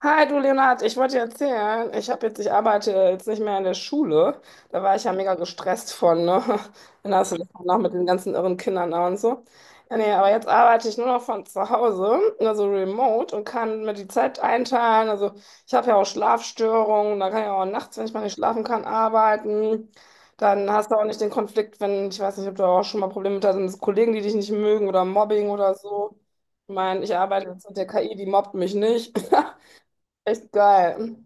Hi, du Leonhard, ich wollte dir erzählen, ich arbeite jetzt nicht mehr in der Schule. Da war ich ja mega gestresst von, ne? Dann hast du das auch noch mit den ganzen irren Kindern da und so. Ja, nee, aber jetzt arbeite ich nur noch von zu Hause, also remote und kann mir die Zeit einteilen. Also ich habe ja auch Schlafstörungen, da kann ich auch nachts, wenn ich mal nicht schlafen kann, arbeiten. Dann hast du auch nicht den Konflikt, wenn, ich weiß nicht, ob du auch schon mal Probleme mit hast, Kollegen, die dich nicht mögen oder Mobbing oder so. Ich meine, ich arbeite jetzt mit der KI, die mobbt mich nicht. Echt geil.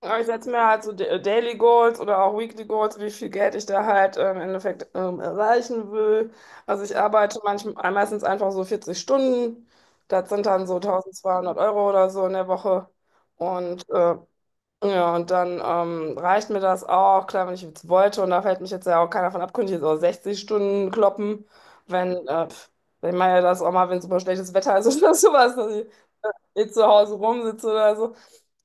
Aber ich setze mir halt so Daily Goals oder auch Weekly Goals, wie viel Geld ich da halt im Endeffekt erreichen will. Also ich arbeite manchmal meistens einfach so 40 Stunden. Das sind dann so 1.200 Euro oder so in der Woche. Und äh, Ja, und dann reicht mir das auch, klar, wenn ich jetzt wollte, und da fällt mich jetzt ja auch keiner von ab, könnte ich jetzt auch 60 Stunden kloppen, wenn, pf, ich meine ja das auch mal, wenn super schlechtes Wetter ist oder sowas, dass ich jetzt zu Hause rumsitze oder so,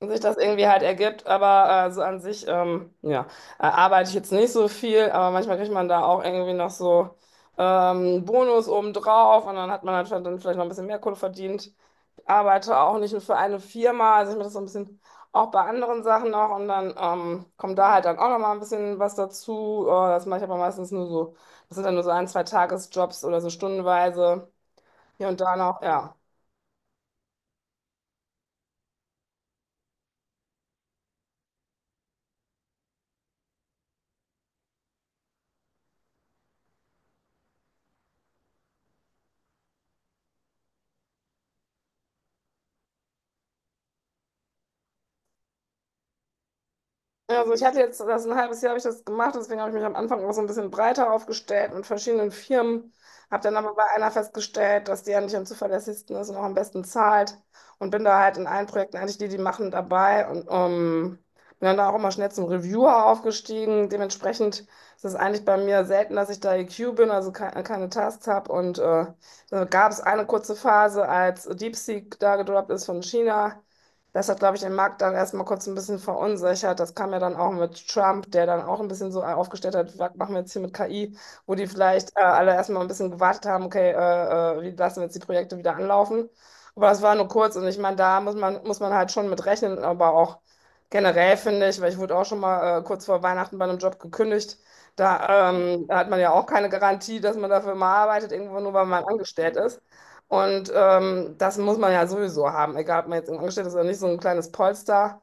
und sich das irgendwie halt ergibt, aber so an sich, ja, arbeite ich jetzt nicht so viel, aber manchmal kriegt man da auch irgendwie noch so Bonus obendrauf, und dann hat man halt schon dann vielleicht noch ein bisschen mehr Kohle verdient. Ich arbeite auch nicht nur für eine Firma, also ich mache das so ein bisschen auch bei anderen Sachen noch und dann kommt da halt dann auch noch mal ein bisschen was dazu. Das mache ich aber meistens nur so, das sind dann nur so ein, zwei Tagesjobs oder so stundenweise hier und da noch, ja. Also ich hatte jetzt das ein halbes Jahr habe ich das gemacht, deswegen habe ich mich am Anfang auch so ein bisschen breiter aufgestellt mit verschiedenen Firmen. Habe dann aber bei einer festgestellt, dass die eigentlich am zuverlässigsten ist und auch am besten zahlt. Und bin da halt in allen Projekten eigentlich die, die machen, dabei. Und bin dann da auch immer schnell zum Reviewer aufgestiegen. Dementsprechend ist es eigentlich bei mir selten, dass ich da EQ bin, also ke keine Tasks habe. Und da gab es eine kurze Phase, als DeepSeek da gedroppt ist von China. Das hat, glaube ich, den Markt dann erstmal kurz ein bisschen verunsichert. Das kam ja dann auch mit Trump, der dann auch ein bisschen so aufgestellt hat, was machen wir jetzt hier mit KI, wo die vielleicht alle erstmal ein bisschen gewartet haben, okay, wie lassen wir jetzt die Projekte wieder anlaufen. Aber das war nur kurz und ich meine, da muss man halt schon mit rechnen, aber auch generell finde ich, weil ich wurde auch schon mal kurz vor Weihnachten bei einem Job gekündigt. Da hat man ja auch keine Garantie, dass man dafür mal arbeitet, irgendwo nur weil man angestellt ist. Und das muss man ja sowieso haben, egal ob man jetzt angestellt ist oder nicht, so ein kleines Polster,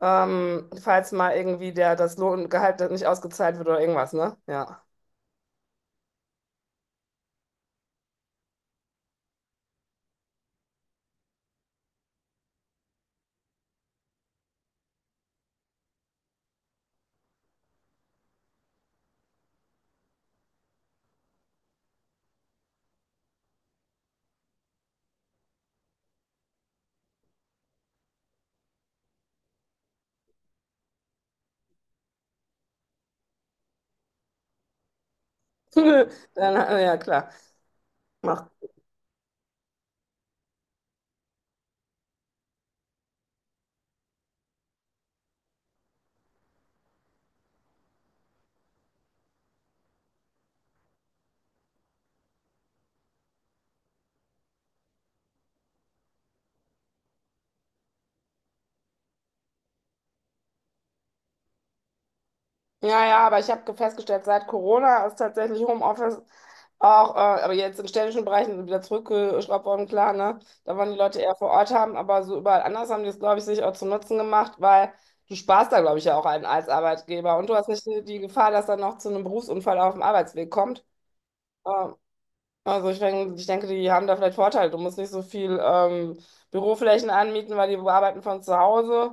falls mal irgendwie der, das Lohngehalt nicht ausgezahlt wird oder irgendwas, ne? Ja. Dann, ja, klar. Ja, ja, aber ich habe festgestellt, seit Corona ist tatsächlich Homeoffice auch, aber jetzt in städtischen Bereichen wieder zurückgeschraubt worden, klar, ne? Da wollen die Leute eher vor Ort haben, aber so überall anders haben die es, glaube ich, sich auch zum Nutzen gemacht, weil du sparst da, glaube ich, ja auch einen als Arbeitgeber und du hast nicht die Gefahr, dass dann noch zu einem Berufsunfall auf dem Arbeitsweg kommt. Ähm, also ich denke, die haben da vielleicht Vorteile. Du musst nicht so viel Büroflächen anmieten, weil die arbeiten von zu Hause.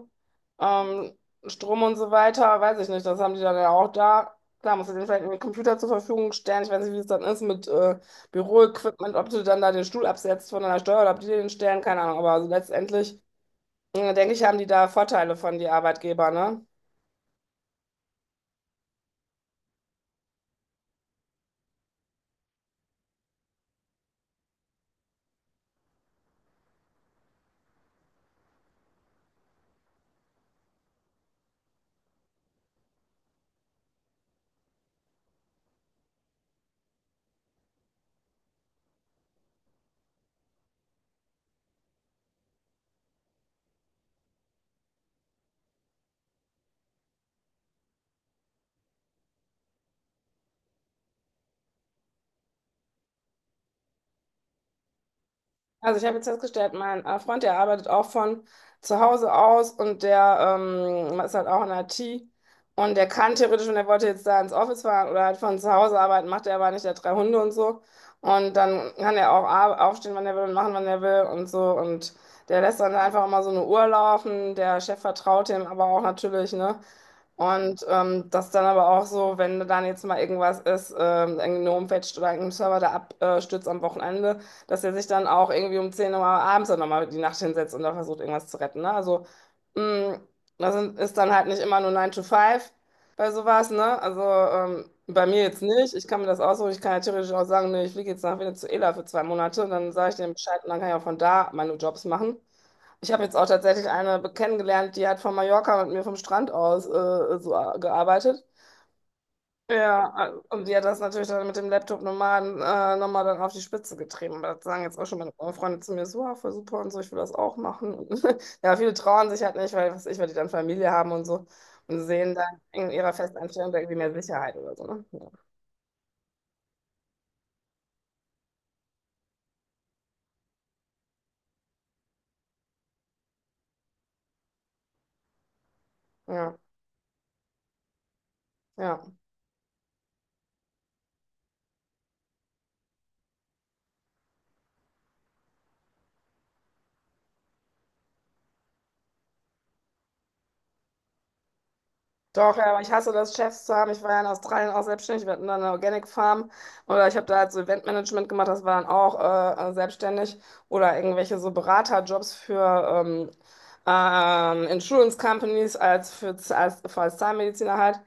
Ähm, Strom und so weiter, weiß ich nicht. Das haben die dann ja auch da. Klar, musst du denen vielleicht einen Computer zur Verfügung stellen. Ich weiß nicht, wie es dann ist mit Büroequipment, ob du dann da den Stuhl absetzt von deiner Steuer oder ob die dir den stellen, keine Ahnung. Aber also letztendlich denke ich, haben die da Vorteile von die Arbeitgeber, ne? Also ich habe jetzt festgestellt, mein Freund, der arbeitet auch von zu Hause aus und der ist halt auch in IT und der kann theoretisch, wenn er wollte jetzt da ins Office fahren oder halt von zu Hause arbeiten, macht er aber nicht, der hat drei Hunde und so. Und dann kann er auch aufstehen, wann er will und machen, wann er will und so. Und der lässt dann einfach immer so eine Uhr laufen. Der Chef vertraut ihm aber auch natürlich, ne? Und das dann aber auch so, wenn dann jetzt mal irgendwas ist, irgendeine Homepage oder irgendein Server da abstürzt am Wochenende, dass er sich dann auch irgendwie um 10 Uhr abends dann nochmal die Nacht hinsetzt und da versucht, irgendwas zu retten. Ne? Also, mh, ist dann halt nicht immer nur nine to five bei sowas, ne? Also, bei mir jetzt nicht. Ich kann mir das aussuchen. Ich kann ja theoretisch auch sagen, nee, ich fliege jetzt nach Venezuela für 2 Monate und dann sage ich dem Bescheid und dann kann ich auch von da meine Jobs machen. Ich habe jetzt auch tatsächlich eine kennengelernt, die hat von Mallorca mit mir vom Strand aus so gearbeitet. Ja, also- und sie hat das natürlich dann mit dem Laptop-Nomaden nochmal dann auf die Spitze getrieben. Aber das sagen jetzt auch schon meine Freunde zu mir so, ah, voll super und so, ich will das auch machen. Und ja, viele trauen sich halt nicht, weil, was weiß ich, weil die dann Familie haben und so und sehen dann in ihrer Festanstellung irgendwie mehr Sicherheit oder so. Ne? Ja, ja. Ja. Doch, ja, aber ich hasse das, Chefs zu haben. Ich war ja in Australien auch selbstständig. Wir hatten da eine Organic Farm oder ich habe da halt so Eventmanagement gemacht. Das war dann auch selbstständig oder irgendwelche so Beraterjobs für Insurance Companies als Zahnmediziner halt.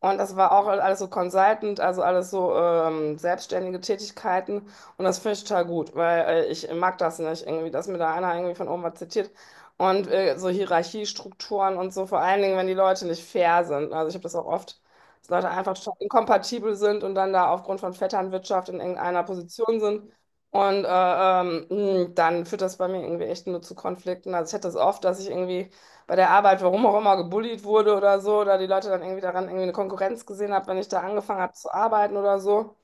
Und das war auch alles so Consultant, also alles so selbstständige Tätigkeiten. Und das finde ich total gut, weil ich mag das nicht irgendwie, dass mir da einer irgendwie von oben was zitiert und so Hierarchiestrukturen und so, vor allen Dingen, wenn die Leute nicht fair sind. Also ich habe das auch oft, dass Leute einfach total inkompatibel sind und dann da aufgrund von Vetternwirtschaft in irgendeiner Position sind. Und dann führt das bei mir irgendwie echt nur zu Konflikten. Also ich hatte das oft, dass ich irgendwie bei der Arbeit, warum auch immer, gebullied wurde oder so, oder die Leute dann irgendwie daran irgendwie eine Konkurrenz gesehen haben, wenn ich da angefangen habe zu arbeiten oder so.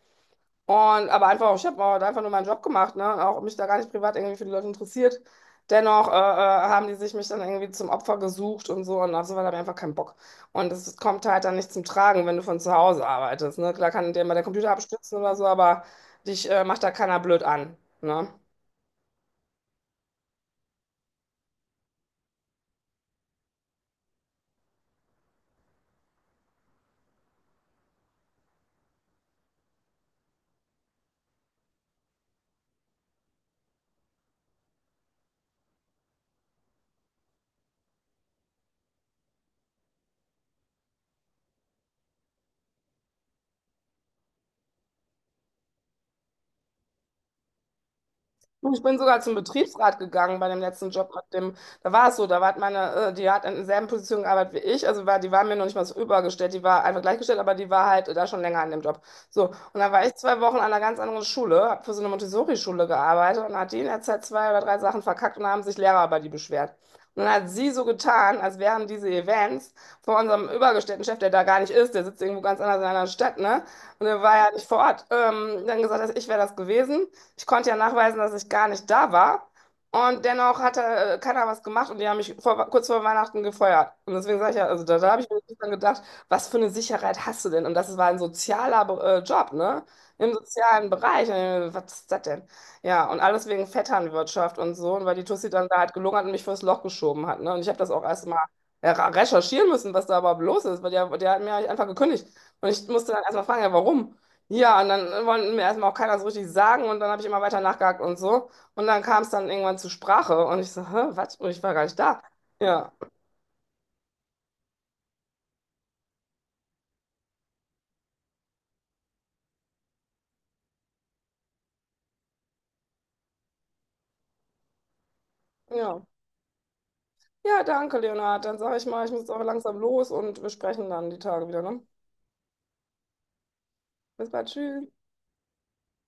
Und, aber einfach, ich habe halt einfach nur meinen Job gemacht, ne? Auch mich da gar nicht privat irgendwie für die Leute interessiert. Dennoch haben die sich mich dann irgendwie zum Opfer gesucht und so und auf sowas habe ich einfach keinen Bock. Und das kommt halt dann nicht zum Tragen, wenn du von zu Hause arbeitest, ne? Klar kann dir mal der Computer abstürzen oder so, aber dich macht da keiner blöd an, ne? Du, ich bin sogar zum Betriebsrat gegangen bei dem letzten Job mit dem, da war es so, da war meine, die hat in derselben Position gearbeitet wie ich, also war, die war mir noch nicht mal so übergestellt, die war einfach gleichgestellt, aber die war halt da schon länger an dem Job. So, und dann war ich 2 Wochen an einer ganz anderen Schule, habe für so eine Montessori-Schule gearbeitet und hat die in der Zeit zwei oder drei Sachen verkackt und haben sich Lehrer über die beschwert. Und dann hat sie so getan, als wären diese Events von unserem übergestellten Chef, der da gar nicht ist, der sitzt irgendwo ganz anders in einer anderen Stadt, ne? Und der war ja nicht vor Ort, dann gesagt, dass ich wäre das gewesen. Ich konnte ja nachweisen, dass ich gar nicht da war. Und dennoch hat er, keiner was gemacht und die haben mich vor, kurz vor Weihnachten gefeuert. Und deswegen sage ich ja, also da, da habe ich mir dann gedacht, was für eine Sicherheit hast du denn? Und das war ein sozialer Job, ne? Im sozialen Bereich. Und ich mir, was ist das denn? Ja, und alles wegen Vetternwirtschaft und so. Und weil die Tussi dann da halt gelungen hat und mich fürs Loch geschoben hat, ne? Und ich habe das auch erst mal ja, recherchieren müssen, was da überhaupt los ist, weil der, der hat mir halt einfach gekündigt. Und ich musste dann erstmal fragen, ja, warum? Ja, und dann wollte mir erstmal auch keiner so richtig sagen und dann habe ich immer weiter nachgehakt und so. Und dann kam es dann irgendwann zur Sprache und ich so, hä, was? Und ich war gar nicht da. Ja, ja. Ja, danke, Leonhard. Dann sage ich mal, ich muss jetzt aber langsam los und wir sprechen dann die Tage wieder, ne? Bis bald, tschüss.